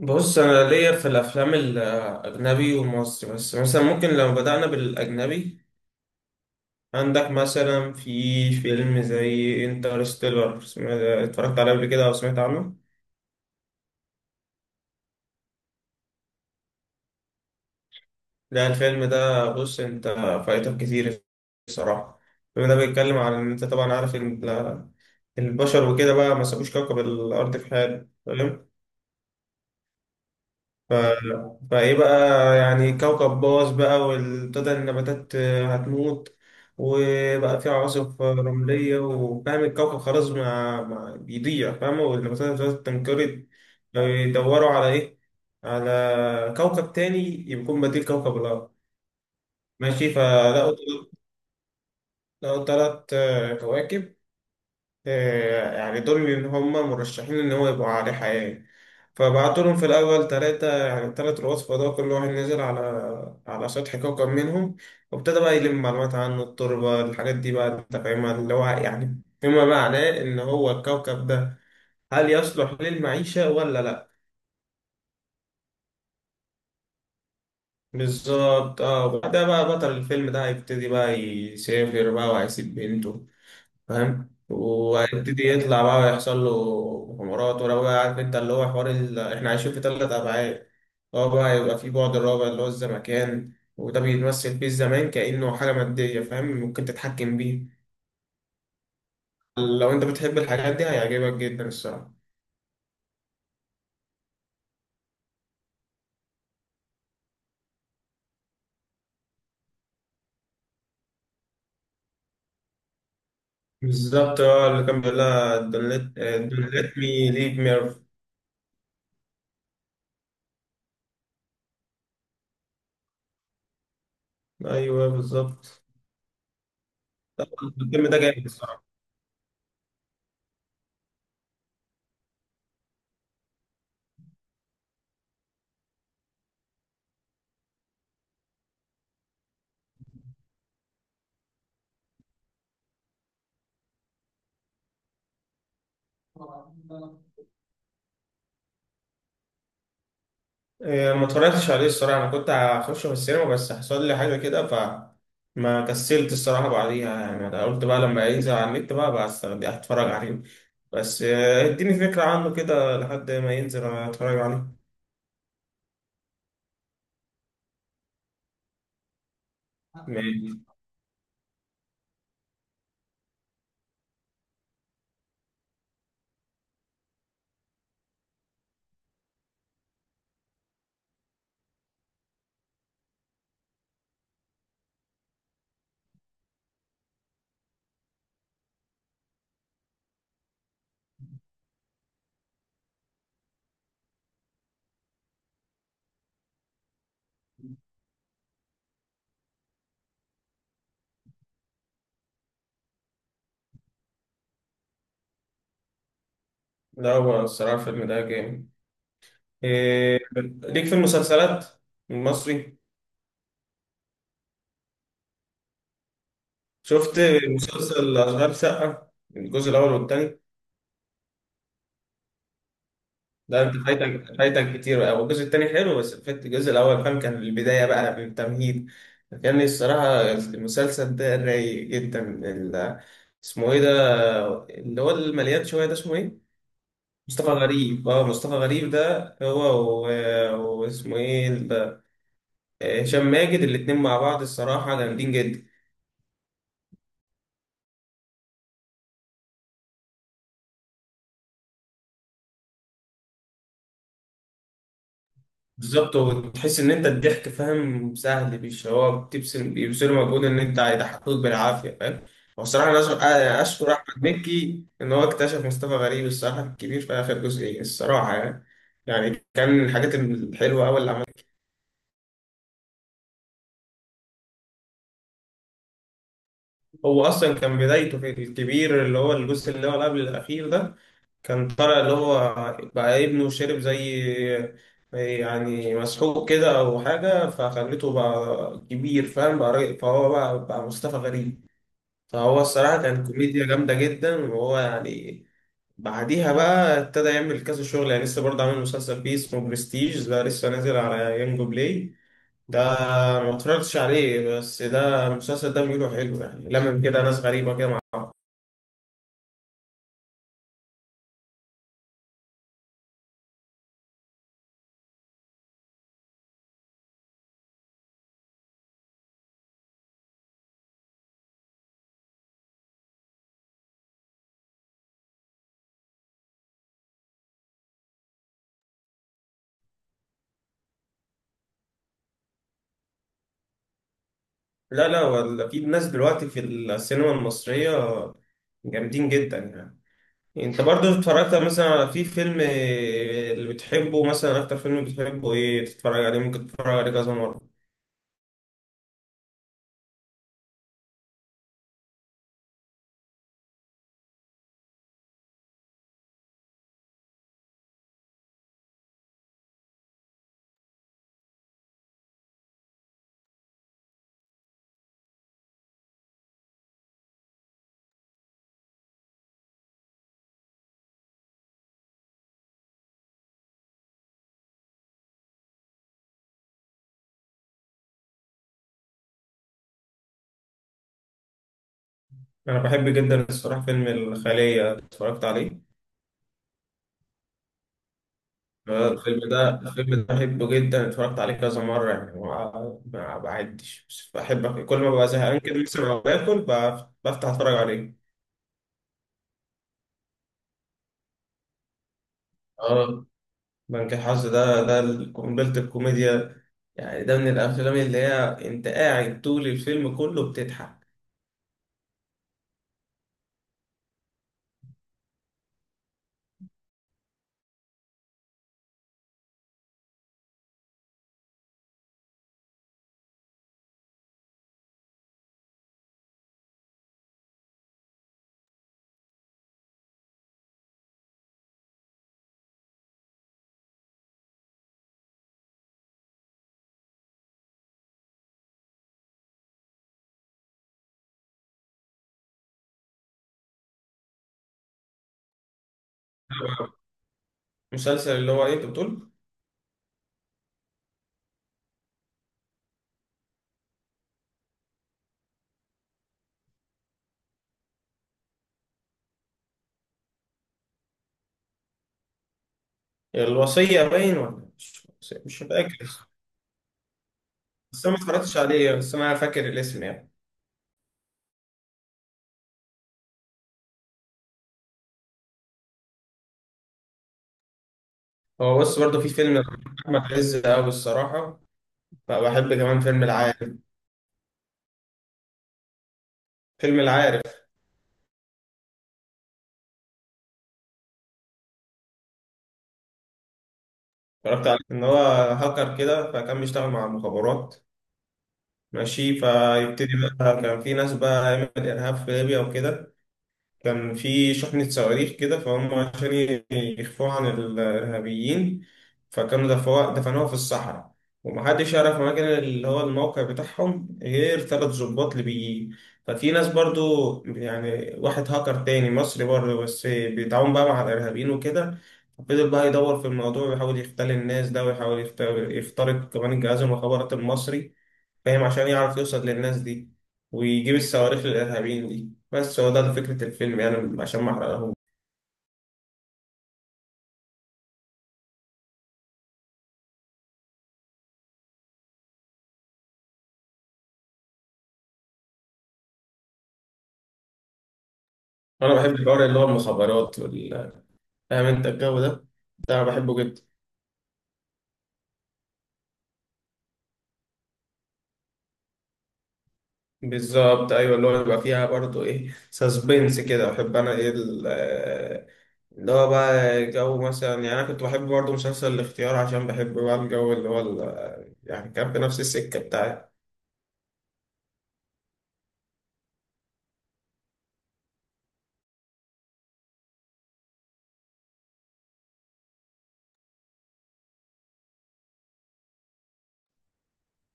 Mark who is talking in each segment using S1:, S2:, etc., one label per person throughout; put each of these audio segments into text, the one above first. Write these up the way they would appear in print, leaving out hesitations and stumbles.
S1: بص، انا ليا في الافلام الاجنبي والمصري، بس مثلا ممكن لو بدأنا بالاجنبي. عندك مثلا في فيلم زي انترستيلر، اتفرجت عليه قبل كده او سمعت عنه؟ لا، الفيلم ده بص انت فايتك كتير الصراحة. الفيلم ده بيتكلم عن ان انت طبعا عارف ان البشر وكده بقى ما سابوش كوكب الارض في حاله تمام. ف... فايه بقى، يعني كوكب باظ بقى وابتدى النباتات هتموت، وبقى في عواصف رملية وفاهم الكوكب خلاص ما بيضيع فاهمة، والنباتات ابتدت تنقرض. فبيدوروا على ايه؟ على كوكب تاني يكون بديل كوكب الأرض. ماشي، فلقوا تلات كواكب. يعني دول اللي هم مرشحين إن هو يبقوا عليه حياة. فبعتوا لهم في الأول تلاتة، يعني التلات رؤوس فضاء كل واحد نزل على سطح كوكب منهم، وابتدى بقى يلم معلومات عن التربة، الحاجات دي بقى أنت فاهمها اللي هو يعني فيما معناه إن هو الكوكب ده هل يصلح للمعيشة ولا لأ. بالظبط اه، وبعدها بقى بطل الفيلم ده هيبتدي بقى يسافر بقى وهيسيب بنته، فاهم، وهيبتدي يطلع بقى ويحصل له حمارات، ولو بقى عارف انت اللي هو حوار احنا عايشين في ثلاث ابعاد، هو بقى يبقى في بعد الرابع اللي هو الزمكان، وده بيتمثل فيه الزمان كأنه حاجة مادية، فاهم، ممكن تتحكم بيه. لو انت بتحب الحاجات دي هيعجبك جدا الصراحة. بالظبط اه، اللي كان بيقول لها دونت مي ليف ميرف. ايوه بالظبط، الفيلم ده جامد الصراحة. إيه، ما اتفرجتش عليه الصراحة. أنا كنت هخش في السينما بس حصل لي حاجة كده فما كسلت الصراحة بعديها، يعني أنا قلت بقى لما ينزل على النت بقى بس هتفرج عليه. بس اديني فكرة عنه كده لحد ما ينزل اتفرج عليه. ماشي. لا، هو الصراحة الفيلم ده جامد. إيه، ليك في المسلسلات المصري، شفت مسلسل أشغال شقة الجزء الأول والتاني؟ ده انت فايتك فايتك كتير بقى، والجزء التاني حلو بس فات الجزء الاول، فاهم، كان البدايه بقى بالتمهيد. كان الصراحه المسلسل ده رايق جدا. ال- اسمه ايه ده؟ اللي هو المليان شويه ده اسمه ايه؟ مصطفى غريب. اه، مصطفى غريب ده هو واسمه ايه هشام ماجد. الاتنين مع بعض الصراحه جامدين جدا. بالظبط، وتحس ان انت الضحك، فاهم، سهل، مش هو بيبذلوا مجهود ان انت هيضحكوك بالعافيه، فاهم. وصراحه أنا اشكر احمد مكي ان هو اكتشف مصطفى غريب الصراحه الكبير في اخر جزئين الصراحه يعني، يعني كان من الحاجات الحلوه قوي اللي عملها. هو اصلا كان بدايته في الكبير اللي هو الجزء اللي هو قبل الاخير ده، كان طالع اللي هو بقى ابنه شرب زي يعني مسحوق كده أو حاجة فخلته بقى كبير، فاهم، بقى فهو بقى مصطفى غريب. فهو الصراحة كان كوميديا جامدة جدا، وهو يعني بعديها بقى ابتدى يعمل كذا شغل، يعني لسه برضه عامل مسلسل فيه اسمه برستيج ده لسه نازل على يانجو بلاي ده، ما اتفرجتش عليه بس ده المسلسل ده بيقولوا حلو، يعني لمم كده ناس غريبة كده مع بعض. لا لا، ولا في ناس دلوقتي في السينما المصرية جامدين جدا يعني. انت برضو اتفرجت مثلا على في فيلم اللي بتحبه؟ مثلا اكتر فيلم بتحبه ايه تتفرج عليه؟ ممكن تتفرج عليه كذا مرة؟ انا بحب جدا الصراحة فيلم الخلية، اتفرجت عليه. آه، الفيلم ده الفيلم ده بحبه جدا، اتفرجت عليه كذا مرة يعني، ما بعدش، بس بحب كل ما ببقى زهقان كده مثلا او باكل بفتح اتفرج عليه. اه. بنك الحظ ده قنبلة الكوميديا، يعني ده من الأفلام اللي هي أنت قاعد طول الفيلم كله بتضحك. مسلسل اللي هو إيه أنت بتقول؟ الوصية باين ولا مش؟ مش فاكر، بس أنا ما اتفرجتش عليه بس أنا فاكر الاسم يعني. هو بص برضه في فيلم أحمد عز أوي الصراحة، بحب كمان فيلم العارف. فيلم العارف، اتفرجت عليه، إن هو هاكر كده فكان بيشتغل مع المخابرات. ماشي، فيبتدي بقى كان في ناس بقى عمل إرهاب في ليبيا وكده، كان في شحنة صواريخ كده فهم عشان يخفوها عن الإرهابيين، فكانوا دفعوها دفنوها في الصحراء، ومحدش يعرف مكان اللي هو الموقع بتاعهم غير ثلاث ضباط ليبيين. ففي ناس برضو، يعني واحد هاكر تاني مصري برضو بس بيتعاون بقى مع الإرهابيين وكده، فضل بقى يدور في الموضوع ويحاول يختل الناس ده، ويحاول يخترق كمان الجهاز المخابرات المصري، فاهم، عشان يعرف يوصل للناس دي ويجيب الصواريخ للإرهابيين دي. بس هو ده فكرة الفيلم يعني، عشان ما احرقهوش. انا بحب الحوار اللي هو المخابرات وال، فاهم انت الجو ده، ده انا بحبه جدا. بالظبط، ايوه اللي هو بيبقى فيها برضه ايه سسبنس كده، بحب انا ايه اللي هو بقى جو مثلا، يعني انا كنت بحب برضه مسلسل الاختيار عشان بحب بقى الجو اللي هو يعني كان في نفس السكة بتاعي.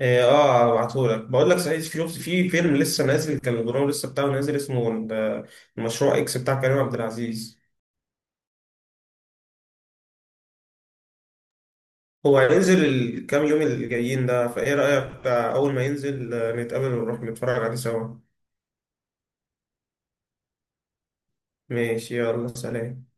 S1: إيه، اه هبعتهولك. بقول لك صحيح، في فيلم لسه نازل، كان البرنامج لسه بتاعه نازل اسمه المشروع اكس بتاع كريم عبد العزيز. هو هينزل الكام يوم اللي جايين ده، فايه رأيك أول ما ينزل نتقابل ونروح نتفرج عليه سوا. ماشي، يلا سلام.